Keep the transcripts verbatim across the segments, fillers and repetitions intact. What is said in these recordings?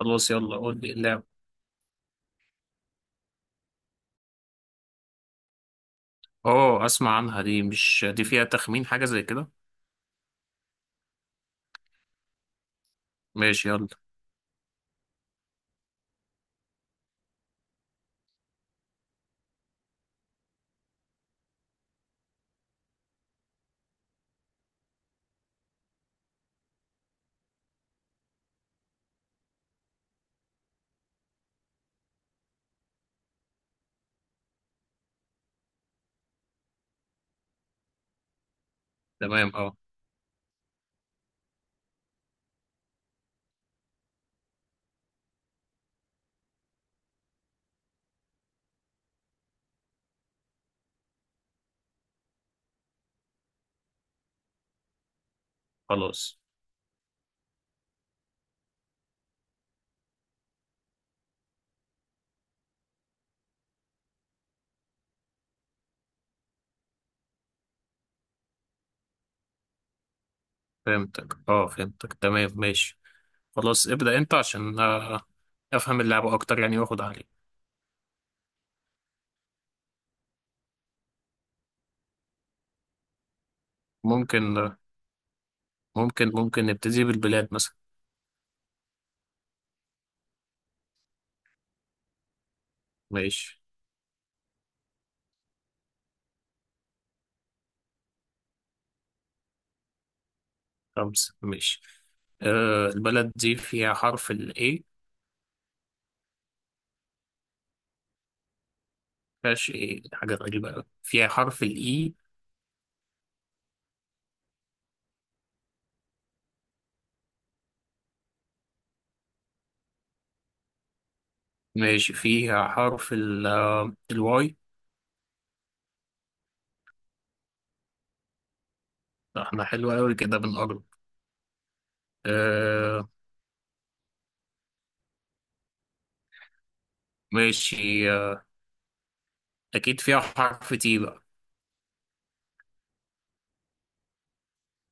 خلاص، يلا قول لي اللعبة. اه، اسمع عنها دي، مش دي فيها تخمين حاجة زي كده؟ ماشي يلا. تمام اه. خلاص، فهمتك اه فهمتك تمام، ماشي. خلاص، ابدأ انت عشان آه، افهم اللعبة اكتر، يعني واخد عليك. ممكن آه، ممكن ممكن نبتدي بالبلاد مثلا. ماشي. خمسة، ماشي. آه، البلد دي فيها حرف ال A؟ مفيهاش؟ ايه، حاجة غريبة أوي. فيها حرف ال E؟ ماشي. فيها حرف ال الواي؟ احنا حلو قوي كده، بنقرب. آه، ماشي، آه. أكيد فيها حرف تي بقى.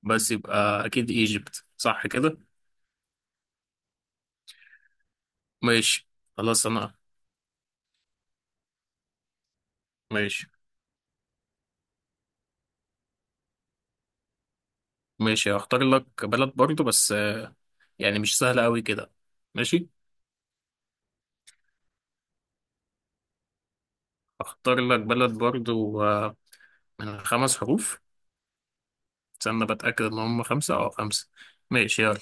بس يبقى أكيد إيجيبت، صح كده؟ ماشي، خلاص أنا. ماشي، ماشي. هختار لك بلد برضو، بس آه يعني مش سهلة أوي كده. ماشي. هختار لك بلد برضو آه من خمس حروف. استنى بتأكد إن هم خمسة أو خمسة. ماشي يلا.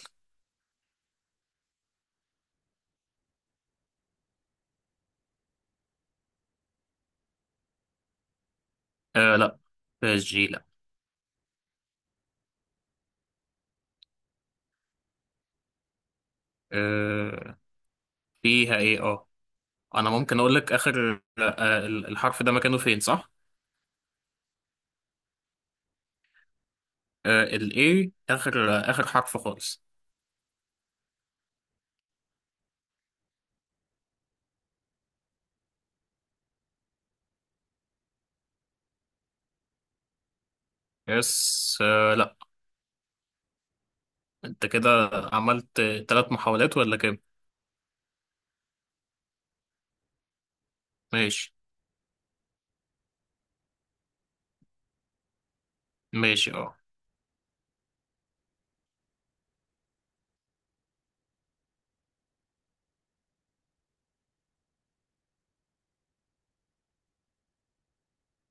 آه، لأ. فيها جي؟ لأ. آه، فيها إيه؟ أه أنا ممكن أقول لك آخر آه الحرف ده مكانه فين، صح؟ الاي، اخر اخر حرف خالص. يس، آه لا. انت كده عملت ثلاث محاولات ولا كام؟ ماشي. ماشي اه.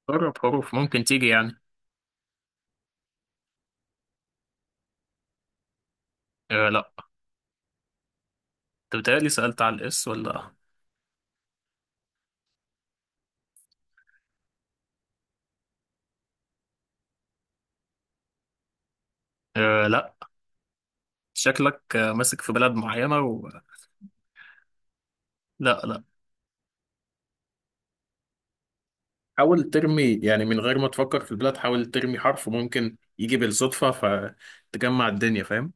جرب حروف ممكن تيجي يعني. آه لا. انت بتهيألي سألت على الاس، ولا؟ آه لا. شكلك آه، ماسك في بلد معينة و. لا، لا. حاول ترمي يعني من غير ما تفكر في البلاد، حاول ترمي حرف ممكن يجي بالصدفة. فتجمع الدنيا، فاهم؟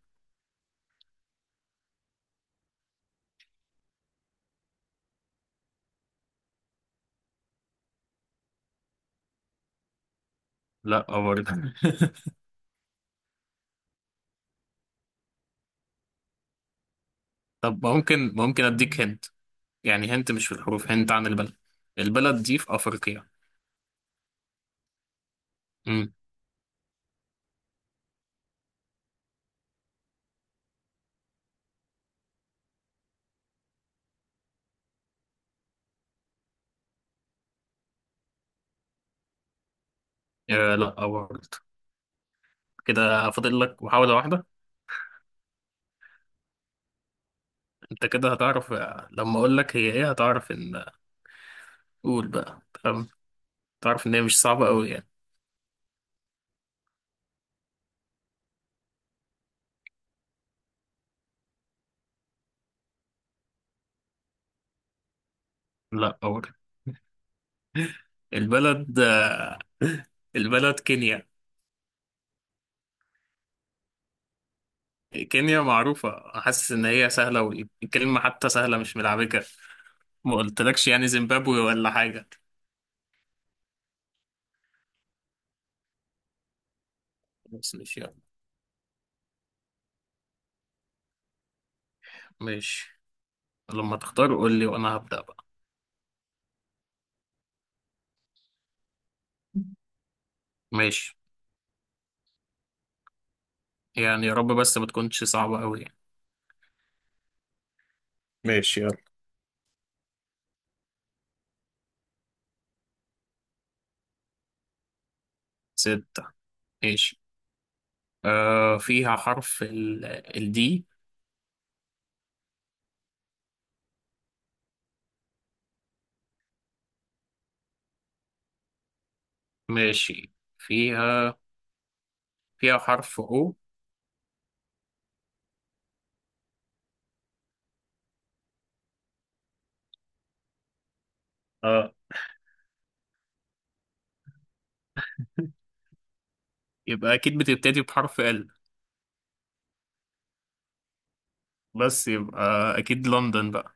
لا برضه. طب، ممكن ممكن اديك هنا. يعني هنت، مش في الحروف، هنت عن البلد. البلد دي في أفريقيا. امم. آه لا برضه. كده فاضل لك محاولة واحدة. انت كده هتعرف، آه، لما اقول لك هي ايه هتعرف ان، قول بقى تمام. تعرف ان هي مش صعبة قوي يعني. لا برضه. البلد، آه، البلد كينيا. كينيا معروفة، حاسس ان هي سهلة، والكلمة حتى سهلة، مش ملعبكة. ما قلتلكش يعني زيمبابوي ولا حاجة. بس مش يعني. ماشي. لما تختار قول لي، وانا هبدأ بقى. ماشي. يعني يا رب بس ما تكونش صعبة أوي يعني. ماشي يلا. ستة. ماشي. آه، فيها حرف ال الدي. ماشي. فيها فيها حرف أو. اه. يبقى أكيد بتبتدي بحرف ال. بس يبقى أكيد لندن بقى.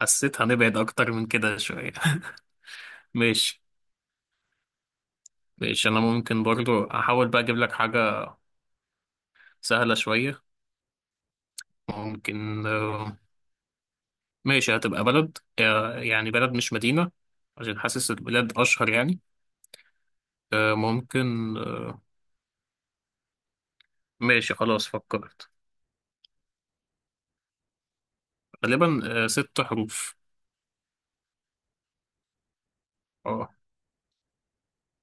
حسيت هنبعد أكتر من كده شوية. ماشي، ماشي، أنا ممكن برضو أحاول بقى أجيب لك حاجة سهلة شوية. ممكن آه ماشي، هتبقى بلد آه يعني بلد مش مدينة. عشان حاسس البلاد أشهر يعني. آه، ممكن. ماشي، خلاص فكرت. غالبا آه، ست حروف. اه.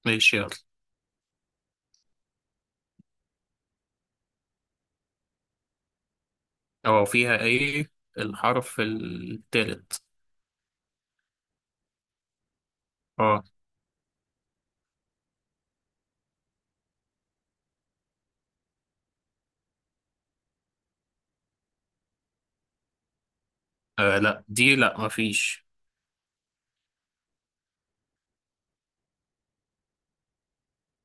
ماشي يلا. اه، فيها ايه الحرف التالت؟ اه. آه، لا، دي لا مفيش.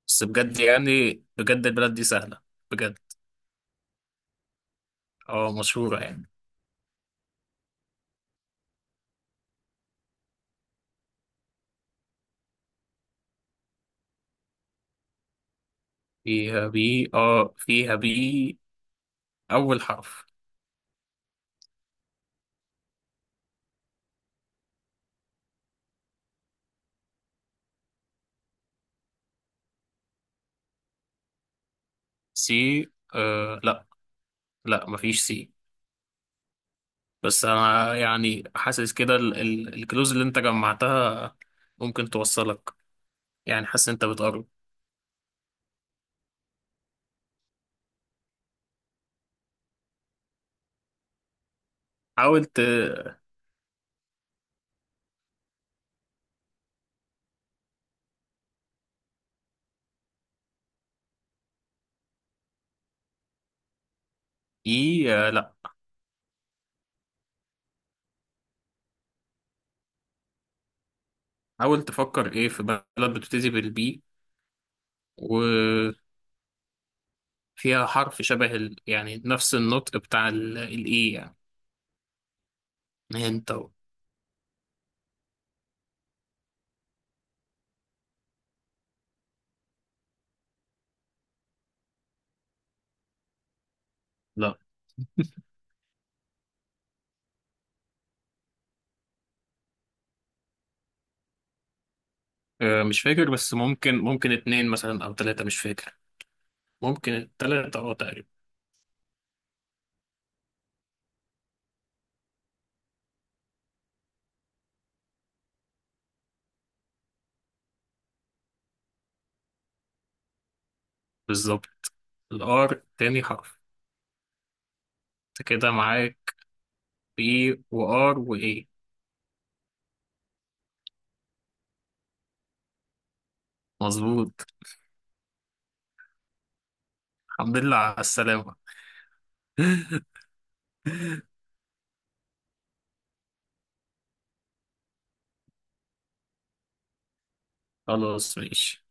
بس بجد، يعني بجد البلد دي سهلة، بجد. اه، مشهورة يعني. فيها بي اه فيها بي، أول حرف. سي. آه لا. لا، مفيش سي. بس أنا يعني حاسس كده ال- ال- الكلوز اللي أنت جمعتها ممكن توصلك. يعني حاسس أنت بتقرب. حاول. اي، آه، لا. حاول تفكر ايه في بلد بتبتدي بالبي وفيها حرف شبه ال... يعني نفس النطق بتاع ال- الاي، يعني انت و. لا. آه، مش فاكر، بس ممكن ممكن اتنين مثلا او تلاتة، مش فاكر. ممكن التلاتة اه تقريبا. بالظبط. الار تاني حرف. انت كده معاك. بي وار وايه. مظبوط. الحمد لله على السلامة. خلاص ماشي.